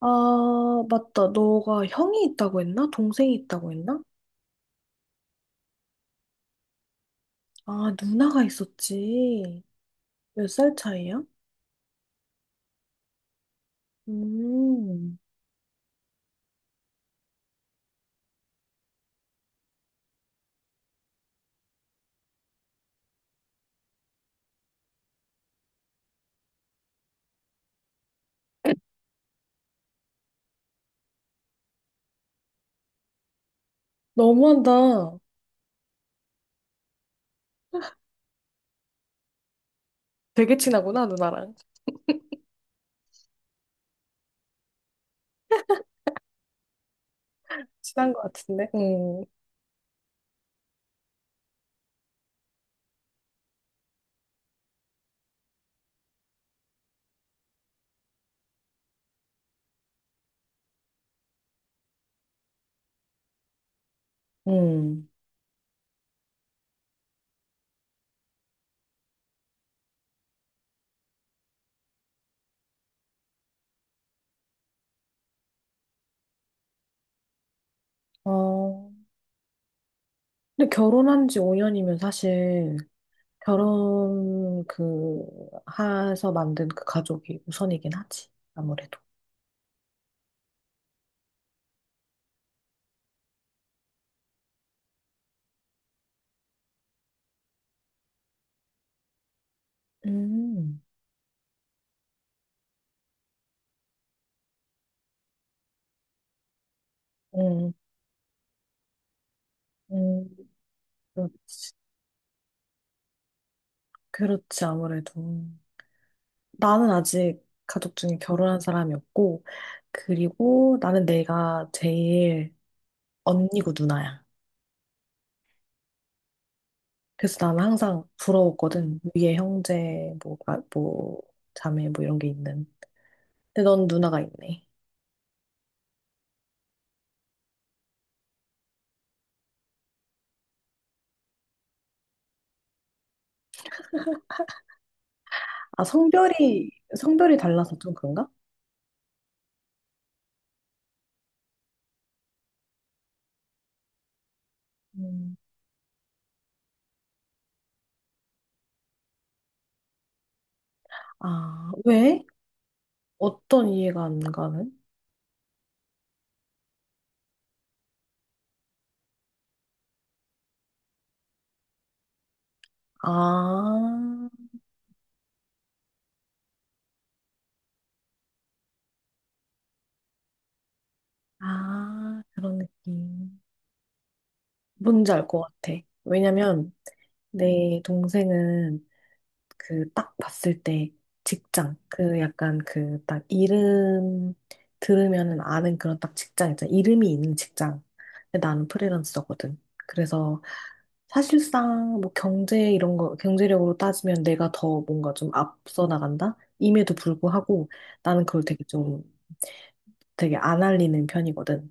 아, 맞다. 너가 형이 있다고 했나? 동생이 있다고 했나? 아, 누나가 있었지. 몇 살 차이야? 음, 너무한다. 되게 친하구나, 누나랑. 친한 것 같은데. 응, 응. 어, 근데 결혼한 지 5년이면 사실 결혼 해서 만든 그 가족이 우선이긴 하지. 아무래도. 음, 음, 음, 그렇지. 그렇지, 아무래도. 나는 아직 가족 중에 결혼한 사람이 없고, 그리고 나는 내가 제일 언니고 누나야. 그래서 나는 항상 부러웠거든. 위에 형제, 뭐, 아, 뭐, 자매, 뭐 이런 게 있는. 근데 넌 누나가 있네. 아, 성별이 달라서 좀 그런가? 음. 아, 왜? 어떤 이해가 안 가는? 아, 아, 그런 느낌. 뭔지 알 것 같아. 왜냐면, 내 동생은 그 딱 봤을 때 직장 그 약간 그 딱 이름 들으면은 아는 그런 딱 직장 있잖아 이름이 있는 직장. 근데 나는 프리랜서거든. 그래서 사실상 뭐 경제 이런 거 경제력으로 따지면 내가 더 뭔가 좀 앞서 나간다 임에도 불구하고 나는 그걸 되게 좀 되게 안 알리는 편이거든.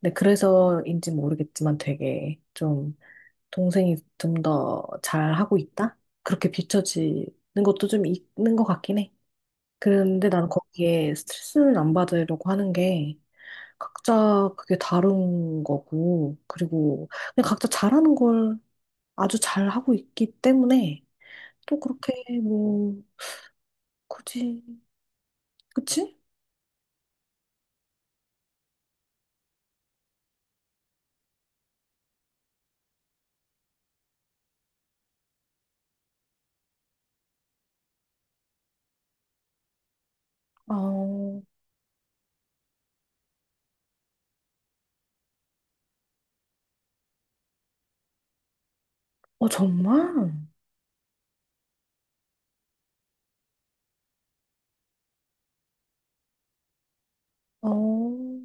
근데 그래서인지 모르겠지만 되게 좀 동생이 좀 더 잘하고 있다? 그렇게 비춰지는 것도 좀 있는 것 같긴 해. 그런데 나는 거기에 스트레스는 안 받으려고 하는 게 각자 그게 다른 거고, 그리고 그냥 각자 잘하는 걸 아주 잘하고 있기 때문에 또 그렇게 뭐, 굳이, 그치? 어, 어, 정말? 어,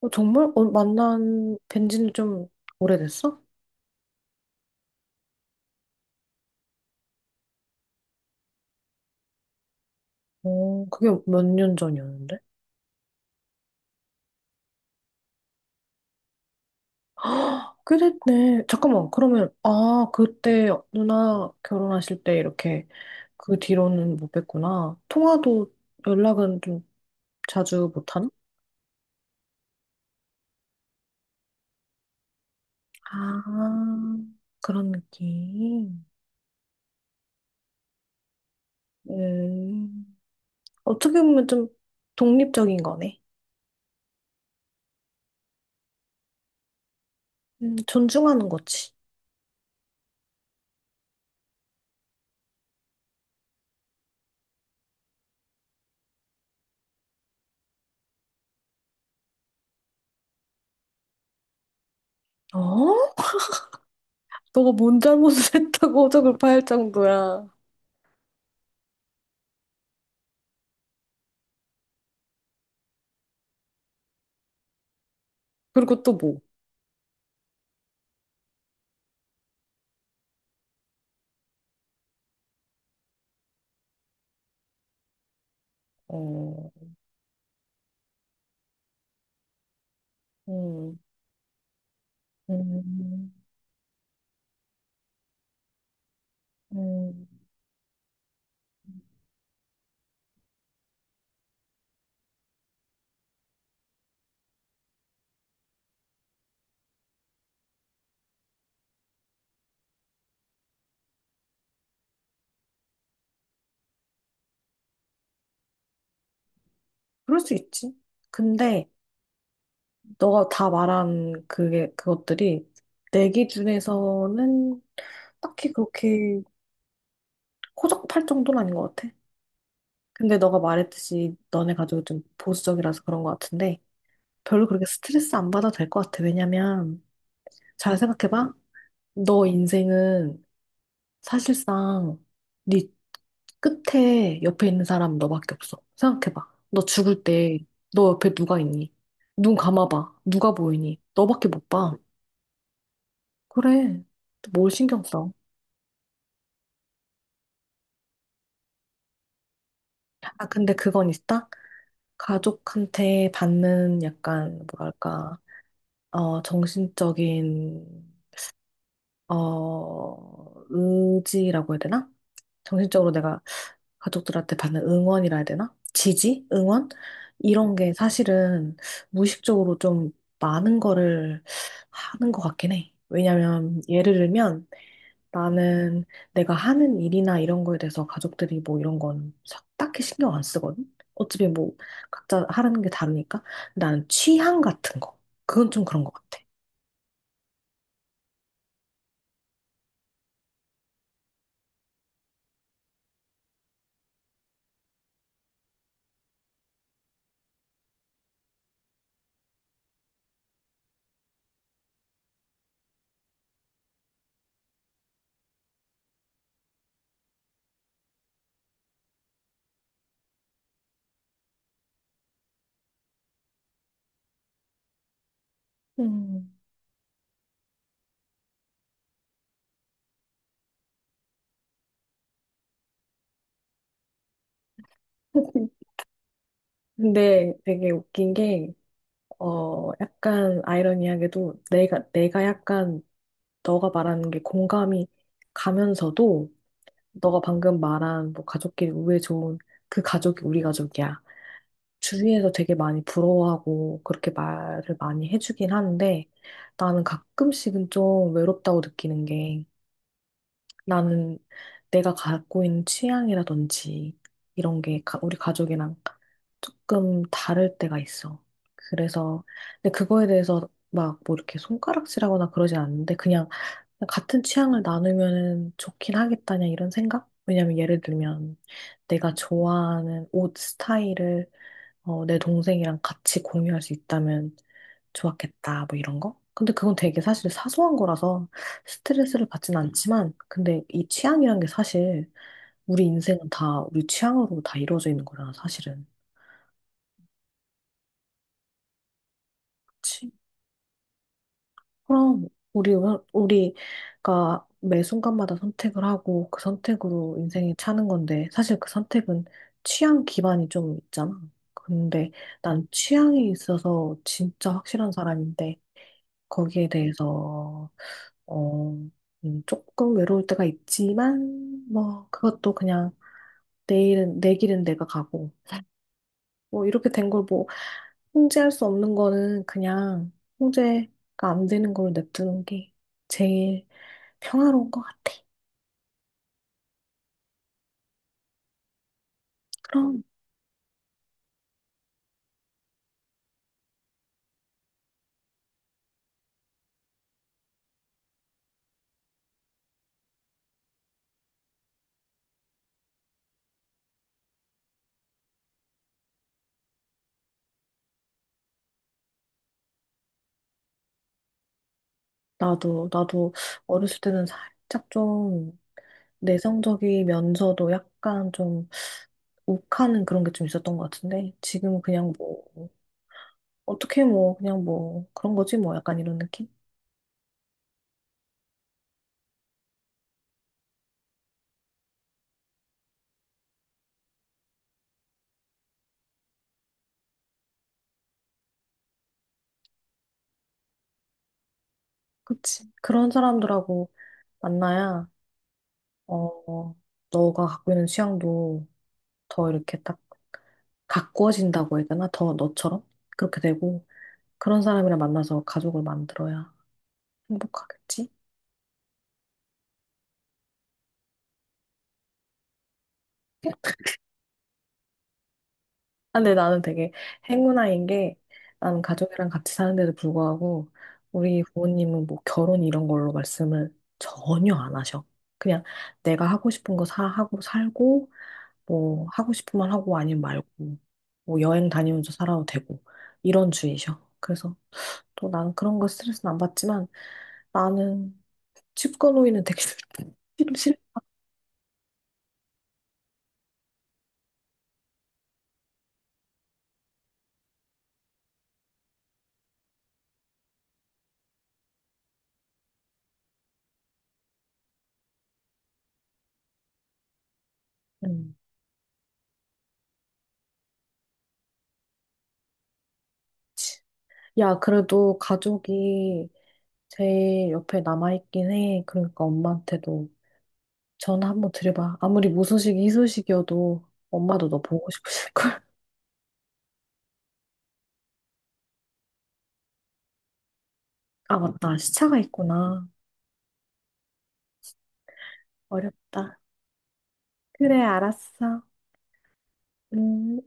어, 정말? 어, 만난 뵌지는 좀 오래됐어? 어, 그게 몇 년 전이었는데? 그랬네. 잠깐만, 그러면, 아, 그때 누나 결혼하실 때 이렇게 그 뒤로는 못 뵀구나. 통화도 연락은 좀 자주 못하나? 아, 그런 느낌. 음, 어떻게 보면 좀 독립적인 거네. 존중하는 거지. 어? 너가 뭔 잘못을 했다고 호적을 파일 정도야. 그리고 또 뭐? 어, 음, 음, 음, 그럴 수 있지. 근데, 너가 다 말한 그것들이 내 기준에서는 딱히 그렇게 호적팔 정도는 아닌 것 같아. 근데 너가 말했듯이 너네 가족이 좀 보수적이라서 그런 것 같은데 별로 그렇게 스트레스 안 받아도 될 것 같아. 왜냐면 잘 생각해봐. 너 인생은 사실상 네 끝에 옆에 있는 사람 너밖에 없어. 생각해봐. 너 죽을 때 너 옆에 누가 있니? 눈 감아봐. 누가 보이니? 너밖에 못 봐. 그래. 뭘 신경 써? 아, 근데 그건 있다? 가족한테 받는 약간, 뭐랄까, 어, 정신적인, 어, 의지라고 해야 되나? 정신적으로 내가 가족들한테 받는 응원이라 해야 되나? 지지? 응원? 이런 게 사실은 무의식적으로 좀 많은 거를 하는 것 같긴 해. 왜냐면, 예를 들면, 나는 내가 하는 일이나 이런 거에 대해서 가족들이 뭐 이런 건 사- 딱히 신경 안 쓰거든? 어차피 뭐 각자 하라는 게 다르니까. 근데 나는 취향 같은 거. 그건 좀 그런 것 같아. 음. 근데 되게 웃긴 게, 어, 약간 아이러니하게도 내가 약간 너가 말하는 게 공감이 가면서도 너가 방금 말한 뭐 가족끼리 우애 좋은 그 가족이 우리 가족이야. 주위에서 되게 많이 부러워하고 그렇게 말을 많이 해주긴 하는데 나는 가끔씩은 좀 외롭다고 느끼는 게 나는 내가 갖고 있는 취향이라든지 이런 게 가- 우리 가족이랑 조금 다를 때가 있어. 그래서 근데 그거에 대해서 막 뭐 이렇게 손가락질하거나 그러진 않는데 그냥 같은 취향을 나누면 좋긴 하겠다냐 이런 생각? 왜냐면 예를 들면 내가 좋아하는 옷 스타일을 어, 내 동생이랑 같이 공유할 수 있다면 좋았겠다, 뭐 이런 거? 근데 그건 되게 사실 사소한 거라서 스트레스를 받진 않지만, 근데 이 취향이란 게 사실 우리 인생은 다 우리 취향으로 다 이루어져 있는 거잖아, 사실은. 그럼 우리 우리가 매 순간마다 선택을 하고 그 선택으로 인생이 차는 건데 사실 그 선택은 취향 기반이 좀 있잖아. 근데 난 취향이 있어서 진짜 확실한 사람인데 거기에 대해서 어, 조금 외로울 때가 있지만 뭐 그것도 그냥 내일은 내 길은 내가 가고 뭐 이렇게 된 걸뭐 통제할 수 없는 거는 그냥 통제가 안 되는 걸 냅두는 게 제일 평화로운 것 같아. 그럼 나도 어렸을 때는 살짝 좀 내성적이면서도 약간 좀 욱하는 그런 게 좀 있었던 것 같은데 지금은 그냥 뭐 어떻게 뭐 그냥 뭐 그런 거지 뭐 약간 이런 느낌? 그치. 그런 사람들하고 만나야 어 너가 갖고 있는 취향도 더 이렇게 딱 가꾸어진다고 해야 되나? 더 너처럼? 그렇게 되고 그런 사람이랑 만나서 가족을 만들어야 행복하겠지? 아, 근데 나는 되게 행운아인 게 나는 가족이랑 같이 사는데도 불구하고 우리 부모님은 뭐 결혼 이런 걸로 말씀을 전혀 안 하셔. 그냥 내가 하고 싶은 거 사, 하고 살고 뭐 하고 싶은 말 하고 아니면 말고 뭐 여행 다니면서 살아도 되고 이런 주의셔. 그래서 또 나는 그런 거 스트레스는 안 받지만 나는 칩거노이는 되게 싫어. 싫어. 음. 야, 그래도 가족이 제일 옆에 남아있긴 해. 그러니까 엄마한테도 전화 한번 드려봐. 아무리 무소식이 희소식이어도 엄마도 너 보고 싶으실걸. 아, 맞다. 시차가 있구나. 어렵다. 그래, 알았어. 음.